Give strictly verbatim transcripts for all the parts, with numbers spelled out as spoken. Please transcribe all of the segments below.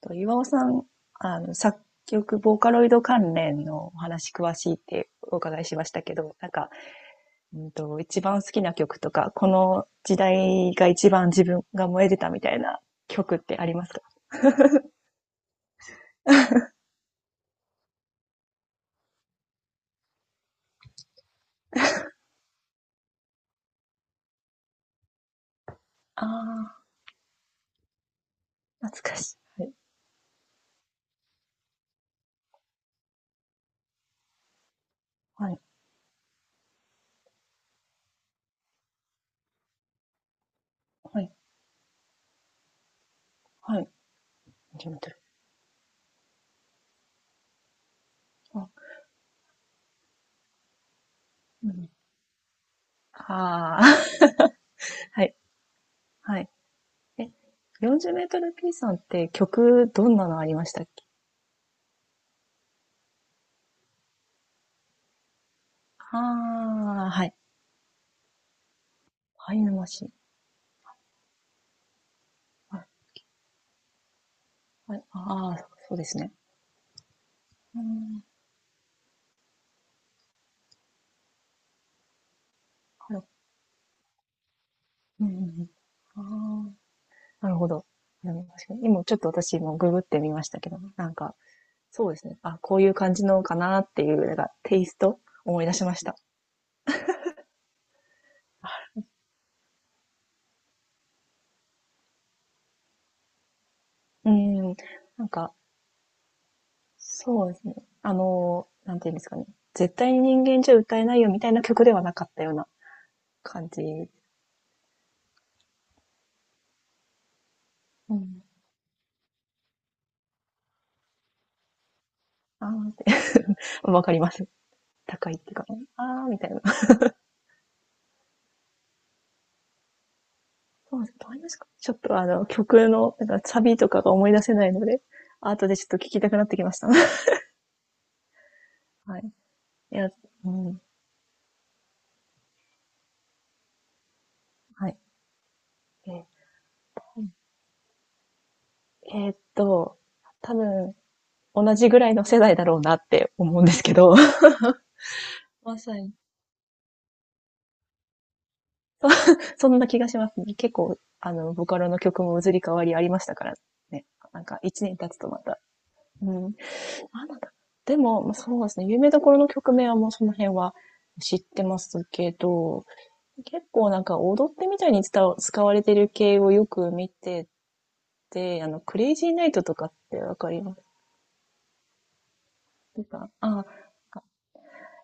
と、岩尾さん、あの、作曲、ボーカロイド関連のお話詳しいってお伺いしましたけど、なんか、うんと、一番好きな曲とか、この時代が一番自分が燃えてたみたいな曲ってありますか？ああ、懐かしい。はい、はい、はい、はい。よんじゅうメートル。あ、うん、あー。 はい、はい。え、よんじゅうメートル P さんって曲、どんなのありましたっけ？ああー、はい。ハイヌマシン。はい、はい、ああ、そうですね。うん、はい。うんうんうん。ああ、なるほど。でも確かに、今ちょっと私もググってみましたけど、なんか、そうですね。あ、こういう感じのかなっていう、なんか、テイスト思い出しました。うん。なんか、そうですね。あの、なんていうんですかね。絶対に人間じゃ歌えないよみたいな曲ではなかったような感じ。うん。ああって、わかります。高いっていうか、ああみたいな。そうですね。わかりますか？ちょっとあの、曲の、なんかサビとかが思い出せないので、後でちょっと聞きたくなってきました。はい。いや、うん。はい。え、えーっと、多分、同じぐらいの世代だろうなって思うんですけど。まさに。そんな気がしますね。結構、あの、ボカロの曲も移り変わりありましたからね。なんか、一年経つとまた。うん。なんだった？でも、まあそうですね。有名どころの曲名はもうその辺は知ってますけど、結構なんか踊ってみたいに伝わ使われてる系をよく見てて、あの、クレイジーナイトとかってわかりますか？あ、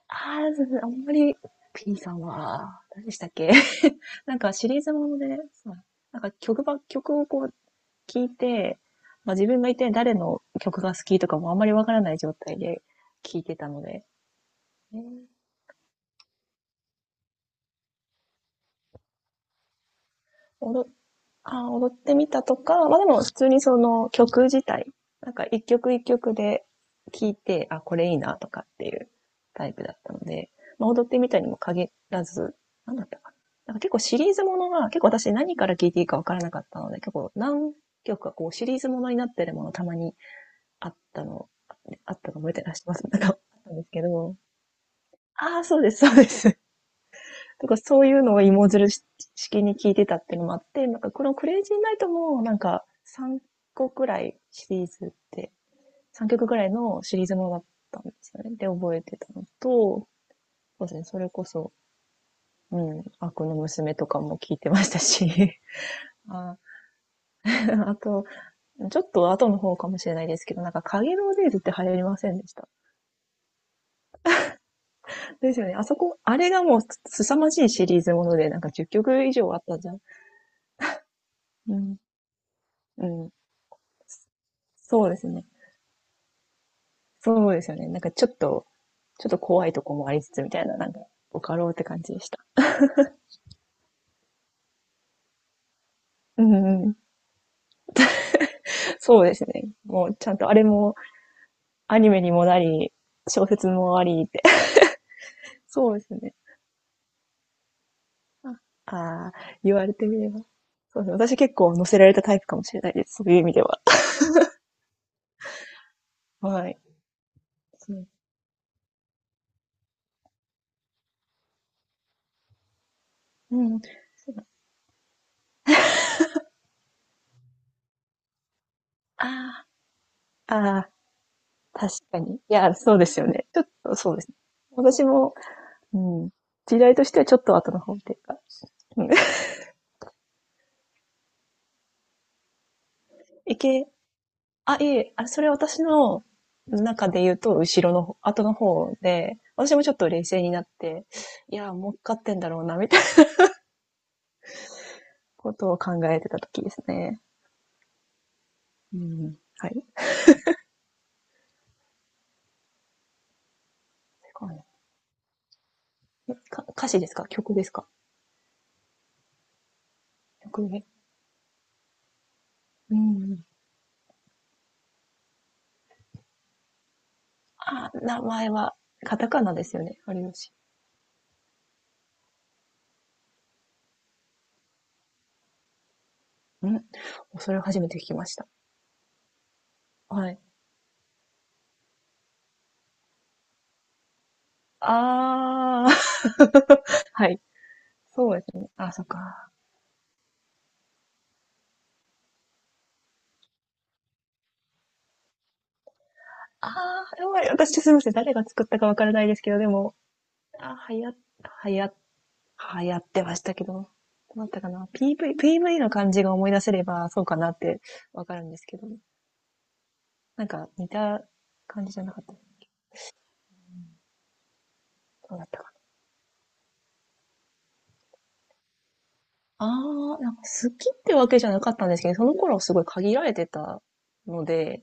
ああ、そうそう、あんまり、P さんは、何でしたっけ？ なんかシリーズもので、そう、なんか曲ば、曲をこう聴いて、まあ自分が一体誰の曲が好きとかもあんまりわからない状態で聴いてたので、えーおどあ踊ってみたとか、まあでも普通にその曲自体、なんか一曲一曲で聴いて、あ、これいいなとかっていうタイプだったので、まあ踊ってみたにも限らず、なんだったかな。なんか結構シリーズものが、結構私何から聴いていいかわからなかったので、結構何曲かこうシリーズものになってるものたまにあったの、あったの覚えてらっしゃいます？なんかあったんですけど、ああ、そうです、そうです。とかそういうのを芋づる式に聞いてたっていうのもあって、なんかこのクレイジーナイトもなんかさんこくらいシリーズって、さんきょくくくらいのシリーズものだったんですよね。で、覚えてたのと、そうですね、それこそ、うん、悪の娘とかも聞いてましたし、あ、あと、ちょっと後の方かもしれないですけど、なんか影のデイズって流行りませんでした？ですよね。あそこ、あれがもうす凄まじいシリーズもので、なんかじゅっきょく以上あったじゃん。うん。うん。そうですね。そうですよね。なんかちょっと、ちょっと怖いとこもありつつみたいな、なんか、ボカロって感じでした。うんうん。そうですね。もうちゃんとあれもアニメにもなり、小説もありって。そうですね。ああー、言われてみれば。そうですね。私結構乗せられたタイプかもしれないです。そういう意味では。はい。そう、うん。ああ、ああ、確かに。いや、そうですよね。ちょっとそうですね。私も、うん。時代としてはちょっと後の方っていうか、うん。いけ、あ、いえ、あ、それ私の中で言うと、後ろの方、後の方で、私もちょっと冷静になって、いや、儲かってんだろうな、みたいなことを考えてた時ですね。うん。はい。それからね？えか歌詞ですか？曲ですか？曲ね。うん。あ、名前は、カタカナですよね、有吉。うん。それを初めて聞きました。はい。あー。はい。そうですね。あ、そっか。あー、やばい。私、すみません。誰が作ったかわからないですけど、でも、あ、はや、はや、流行ってましたけど、どうだったかな？ ピーブイ、ピーブイ の感じが思い出せれば、そうかなってわかるんですけど、なんか似た感じじゃなかった。どうだったかな？あー、なんか好きってわけじゃなかったんですけど、その頃すごい限られてたので、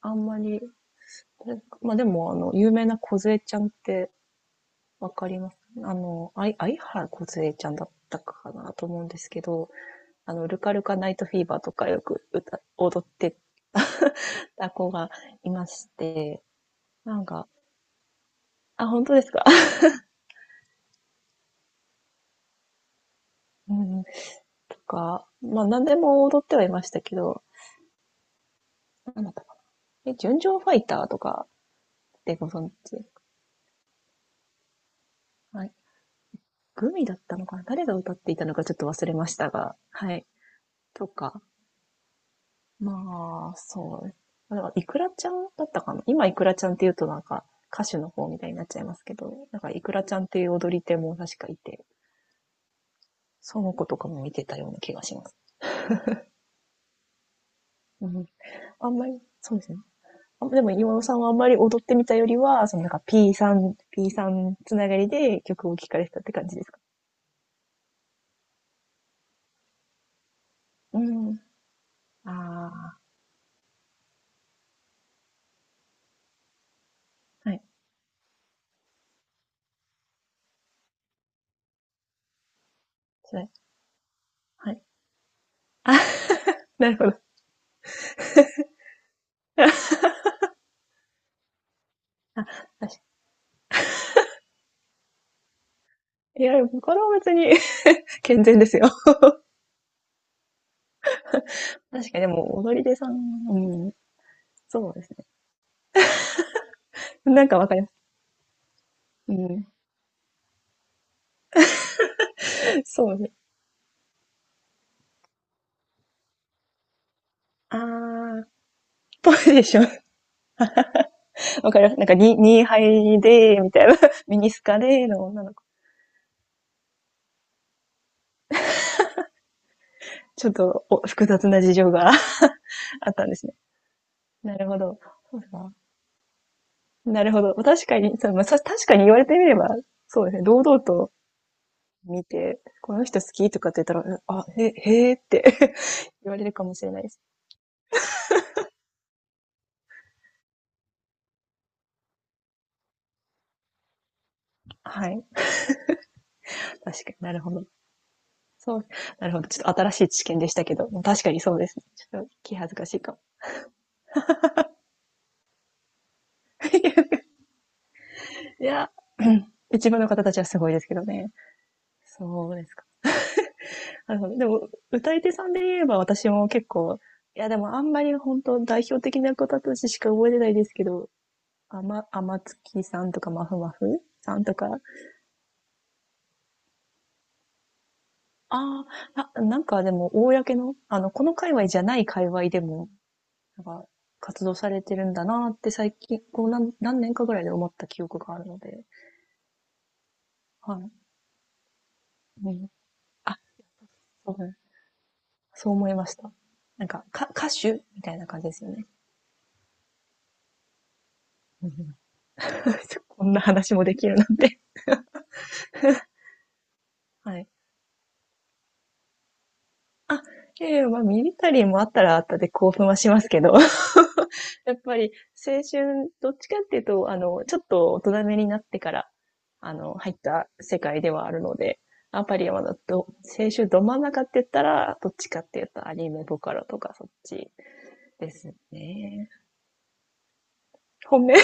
あんまり、まあでも、あの、有名な小杖ちゃんってわかります？あの、あい、相原小杖ちゃんだったかなと思うんですけど、あの、ルカルカナイトフィーバーとかよく歌、踊ってた子がいまして、なんか、あ、本当ですか？ うん。とか、まあ何でも踊ってはいましたけど、なんだったかな。え、純情ファイターとかってご存知ですか？はい。グミだったのかな？誰が歌っていたのかちょっと忘れましたが、はい。とか、まあ、そう、だからイクラちゃんだったかな？今イクラちゃんって言うとなんか歌手の方みたいになっちゃいますけど、なんかイクラちゃんっていう踊り手も確かいて、その子とかも見てたような気がします。うん。あんまり、そうですね。あ、でも岩尾さんはあんまり踊ってみたよりは、そのなんか P さん、P さんつながりで曲を聴かれてたって感じですか？うん。ああ、はい。はい。なるほど。あ、確かに。いや、これは別に。 健全ですよ。確かに、でも踊り手さん、うん。そうですね。なんかわかります。うん。そうですね。あー、ぽいでしょ。わかります。なんか、に、ニーハイで、みたいな、ミニスカでの女の子。ちょっとお、複雑な事情が あったんですね。なるほど。そうですか。なるほど。確かに、そう、まあ、さ確かに言われてみれば、そうですね。堂々と見て、この人好きとかって言ったら、あ、へ、へーって 言われるかもしれないです。はい。確かに、なるほど。そう。なるほど。ちょっと新しい知見でしたけど、確かにそうですね。ちょっと気恥ずかしいかも。いや、うん、一部の方たちはすごいですけどね。そうですか。なるほど。でも、歌い手さんで言えば私も結構、いやでもあんまり本当代表的な方たちしか覚えてないですけど、あま、あまつきさんとか、まふまふさんとか、ああ、あ、なんかでも、公の、あの、この界隈じゃない界隈でも、なんか、活動されてるんだなって最近、こう何、何年かぐらいで思った記憶があるので、はい。うん、あ、そうね、そう思いました。なんか、か、歌手みたいな感じですよね。うん。 こんな話もできるなんて。はい。あ、いやいや、まあ、ミリタリーもあったらあったで興奮はしますけど。やっぱり青春、どっちかっていうと、あの、ちょっと大人めになってから、あの、入った世界ではあるので、やっぱりまだど、青春ど真ん中って言ったら、どっちかっていうとアニメボカロとかそっちですね。本命。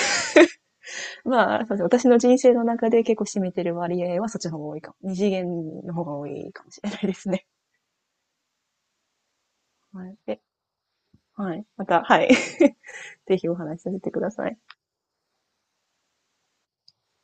まあ、そうですね。私の人生の中で結構占めてる割合はそっちの方が多いかも。二次元の方が多いかもしれないですね。はい。で、はい。また、はい。ぜひお話しさせてください。